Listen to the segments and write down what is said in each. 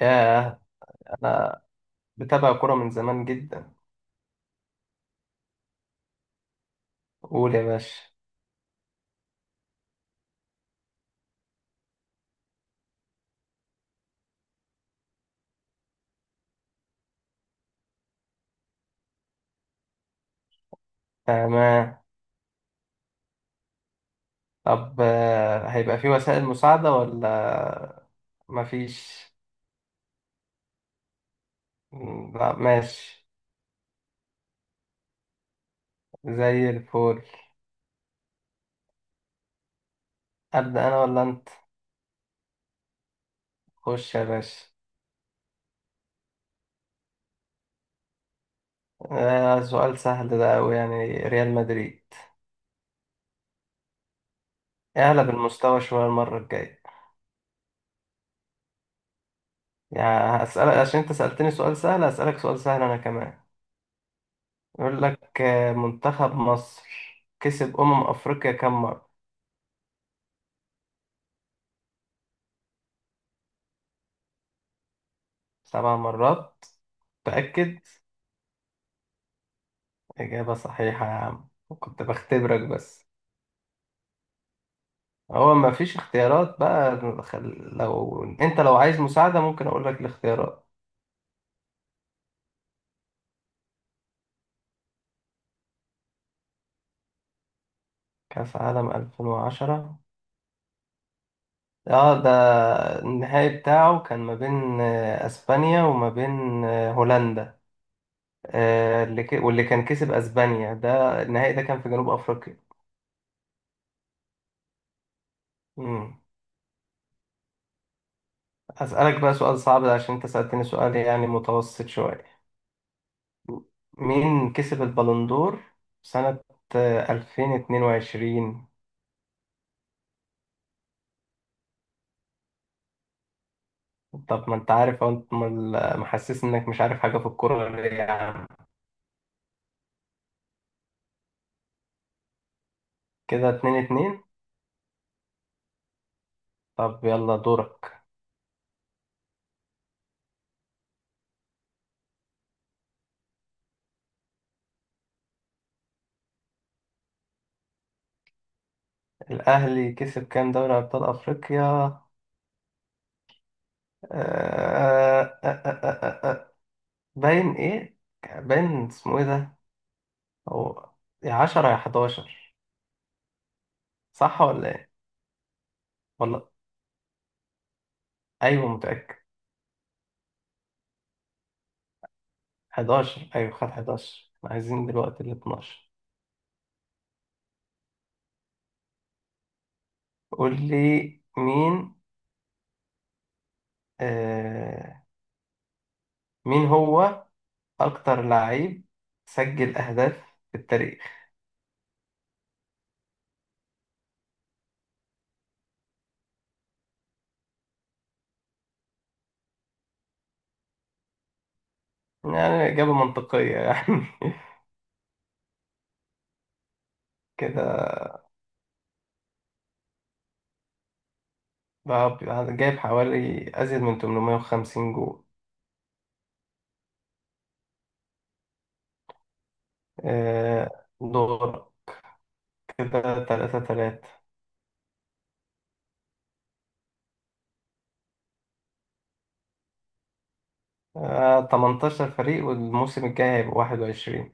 ياه، أنا بتابع كرة من زمان جدا. قول يا باشا. تمام. طب هيبقى في وسائل مساعدة ولا مفيش؟ لا ماشي. زي الفل. أبدأ أنا ولا أنت؟ خش يا باشا. آه، سؤال سهل ده أوي، يعني ريال مدريد. اعلى بالمستوى شوية المرة الجاية. يعني هسألك عشان أنت سألتني سؤال سهل، هسألك سؤال سهل أنا كمان. يقول لك منتخب مصر كسب أمم أفريقيا كم مرة؟ سبع مرات. تأكد. إجابة صحيحة يا عم، كنت بختبرك بس. هو ما فيش اختيارات بقى، لو انت لو عايز مساعدة ممكن اقول لك الاختيارات. كأس عالم 2010، اه ده النهائي بتاعه كان ما بين اسبانيا وما بين هولندا. واللي كان كسب اسبانيا، ده النهائي ده كان في جنوب افريقيا. مم. اسألك بقى سؤال صعب عشان انت سألتني سؤال يعني متوسط شوية. مين كسب البالندور سنة 2022؟ طب ما انت عارف اهو، انت محسس انك مش عارف حاجة في الكورة ليه يا عم. كده اتنين اتنين. طب يلا دورك. الأهلي كسب كام دوري أبطال أفريقيا؟ آه، آه، آه، آه. آه، آه. باين ايه، باين اسمه ايه ده. هو يا عشرة يا حداشر. صح ولا ايه؟ والله ايوه متأكد. حداشر، ايوه خد حداشر، عايزين دلوقتي الاتناشر. قول لي، مين آه، مين هو أكتر لعيب سجل أهداف في التاريخ؟ يعني إجابة منطقية يعني. كده بقى جايب حوالي أزيد من 850 جول. دور. كده تلاتة تلاتة. 18 فريق والموسم الجاي هيبقى 21.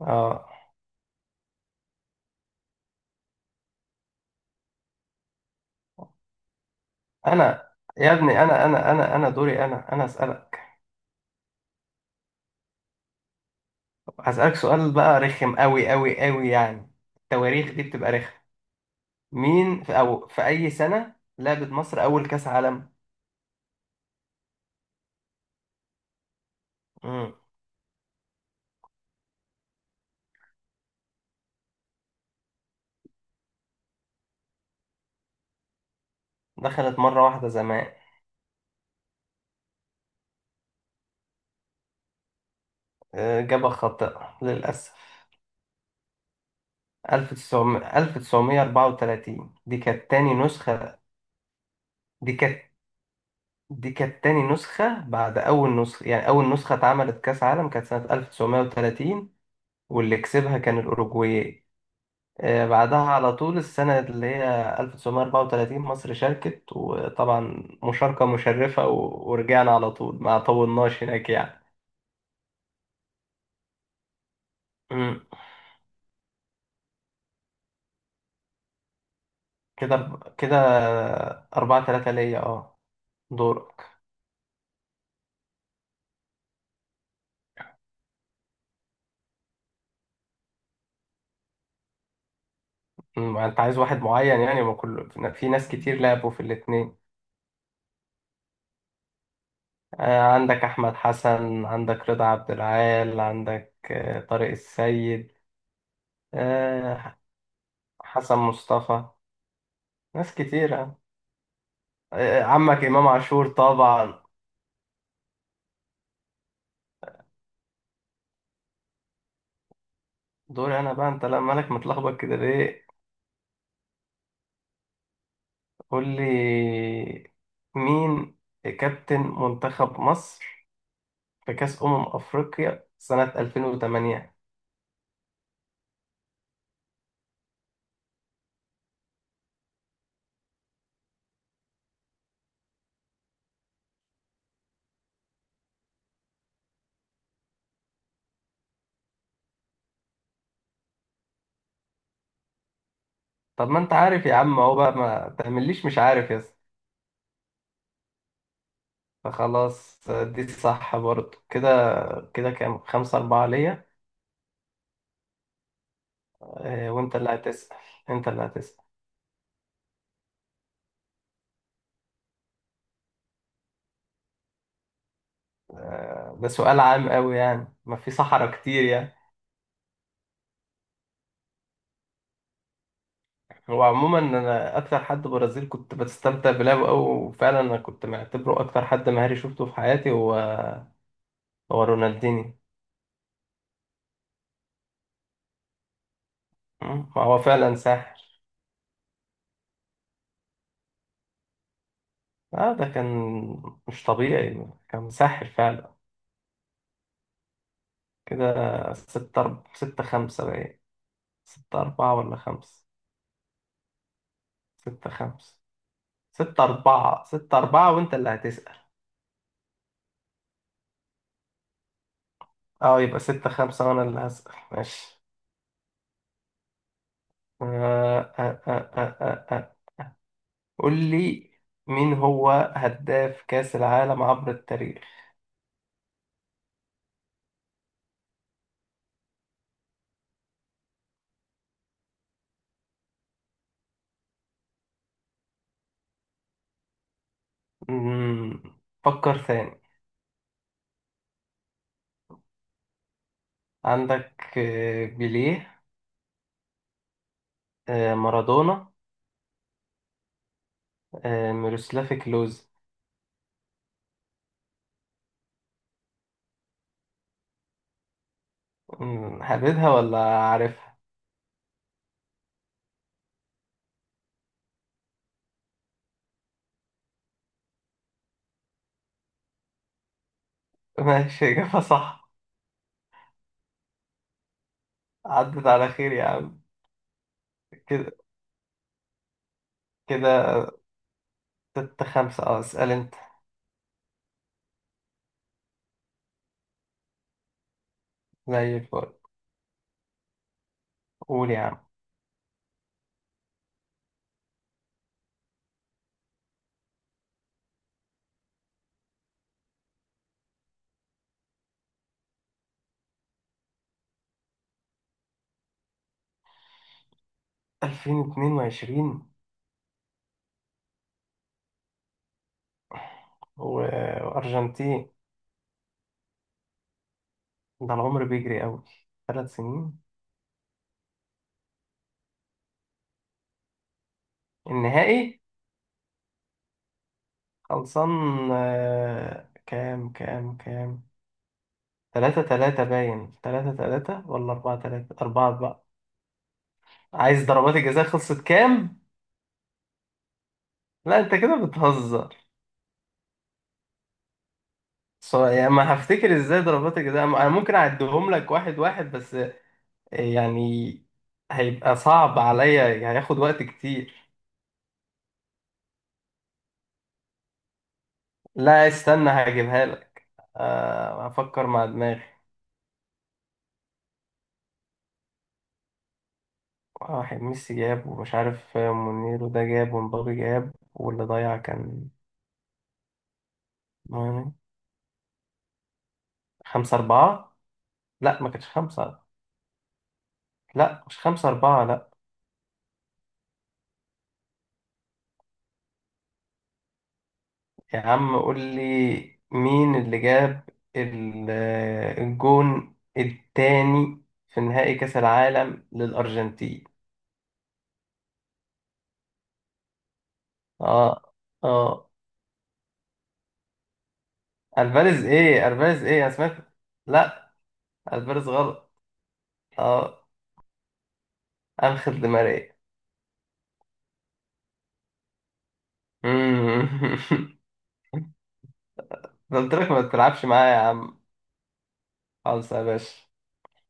اه. أنا، يا ابني أنا دوري أنا أسألك. هسألك سؤال بقى رخم أوي أوي أوي يعني، التواريخ دي بتبقى رخمة. مين في أو في أي سنة لعبت مصر أول كأس عالم؟ مم. دخلت مرة واحدة زمان. إجابة خاطئة للأسف. 1900 1934 دي كانت تاني نسخة. دي كانت دي كانت تاني نسخة بعد أول نسخة، يعني أول نسخة اتعملت كأس عالم كانت سنة 1930، واللي كسبها كان الأوروجواي. بعدها على طول السنة اللي هي 1934 مصر شاركت، وطبعا مشاركة مشرفة ورجعنا على طول ما طولناش هناك يعني. مم. كده كده أربعة تلاتة ليا. اه دورك. مم. أنت عايز واحد معين يعني؟ ما كل في ناس كتير لعبوا في الاتنين. عندك أحمد حسن، عندك رضا عبد العال، عندك طارق السيد، آه، حسن مصطفى. ناس كتيرة. عمك إمام عاشور طبعا. دوري أنا بقى، أنت لا مالك متلخبط كده ليه؟ قول لي، مين كابتن منتخب مصر في كأس أمم أفريقيا سنة 2008؟ طب ما أنت عارف يا عم أهو، بقى ما تعمليش مش عارف يا اسطى. فخلاص دي صح برضه، كده كده كام؟ خمسة أربعة ليا. وأنت اللي هتسأل، أنت اللي هتسأل. ده سؤال عام أوي يعني، ما في صحراء كتير يعني. هو عموما أنا أكتر حد برازيل كنت بستمتع بلعبه أوي، وفعلا أنا كنت معتبره أكتر حد مهاري شفته في حياتي هو رونالديني. م؟ هو فعلا ساحر. اه ده كان مش طبيعي، كان مسحل فعلا. كده ستة خمسة بقى، ستة أربعة ولا خمسة، ستة خمسة. ستة أربعة. وأنت اللي هتسأل. اه، يبقى ستة خمسة وأنا اللي هسأل ماشي. آه آه آه آه آه آه. قول لي، مين هو هداف كأس العالم عبر التاريخ؟ مم. فكر ثاني. عندك بيليه، مارادونا، ميروسلافي كلوز. حبيتها ولا عارفها. ماشي إجابة صح. عدت على خير يا عم. كده. كده ستة خمسة. اه اسأل انت. زي الفل. قول يا عم. ألفين اتنين وعشرين و- وأرجنتين. ده العمر بيجري أوي، ثلاث سنين. النهائي خلصان. كام كام كام؟ تلاتة تلاتة باين، تلاتة تلاتة ولا أربعة تلاتة، أربعة أربعة. عايز ضربات الجزاء، خلصت كام؟ لا أنت كده بتهزر. يعني ما هفتكر ازاي ضربات الجزاء، انا ممكن اعدهم لك واحد واحد بس، يعني هيبقى صعب عليا، يعني هياخد وقت كتير. لا استنى هجيبها لك. افكر مع دماغي. واحد ميسي جاب، ومش عارف مونيرو ده جاب، ومبابي جاب، واللي ضيع كان مين؟ خمسة أربعة. لا ما كانش خمسة، لا مش خمسة أربعة لا. يا عم قول لي، مين اللي جاب ال- الجون التاني في نهائي كأس العالم للأرجنتين؟ اه. اه الفاريز، ايه الفاريز، ايه انا سمعت. لا الفاريز غلط. اه، انخيل دي ماريا. مم. قلت لك ما تلعبش معايا يا عم، خالص يا باشا.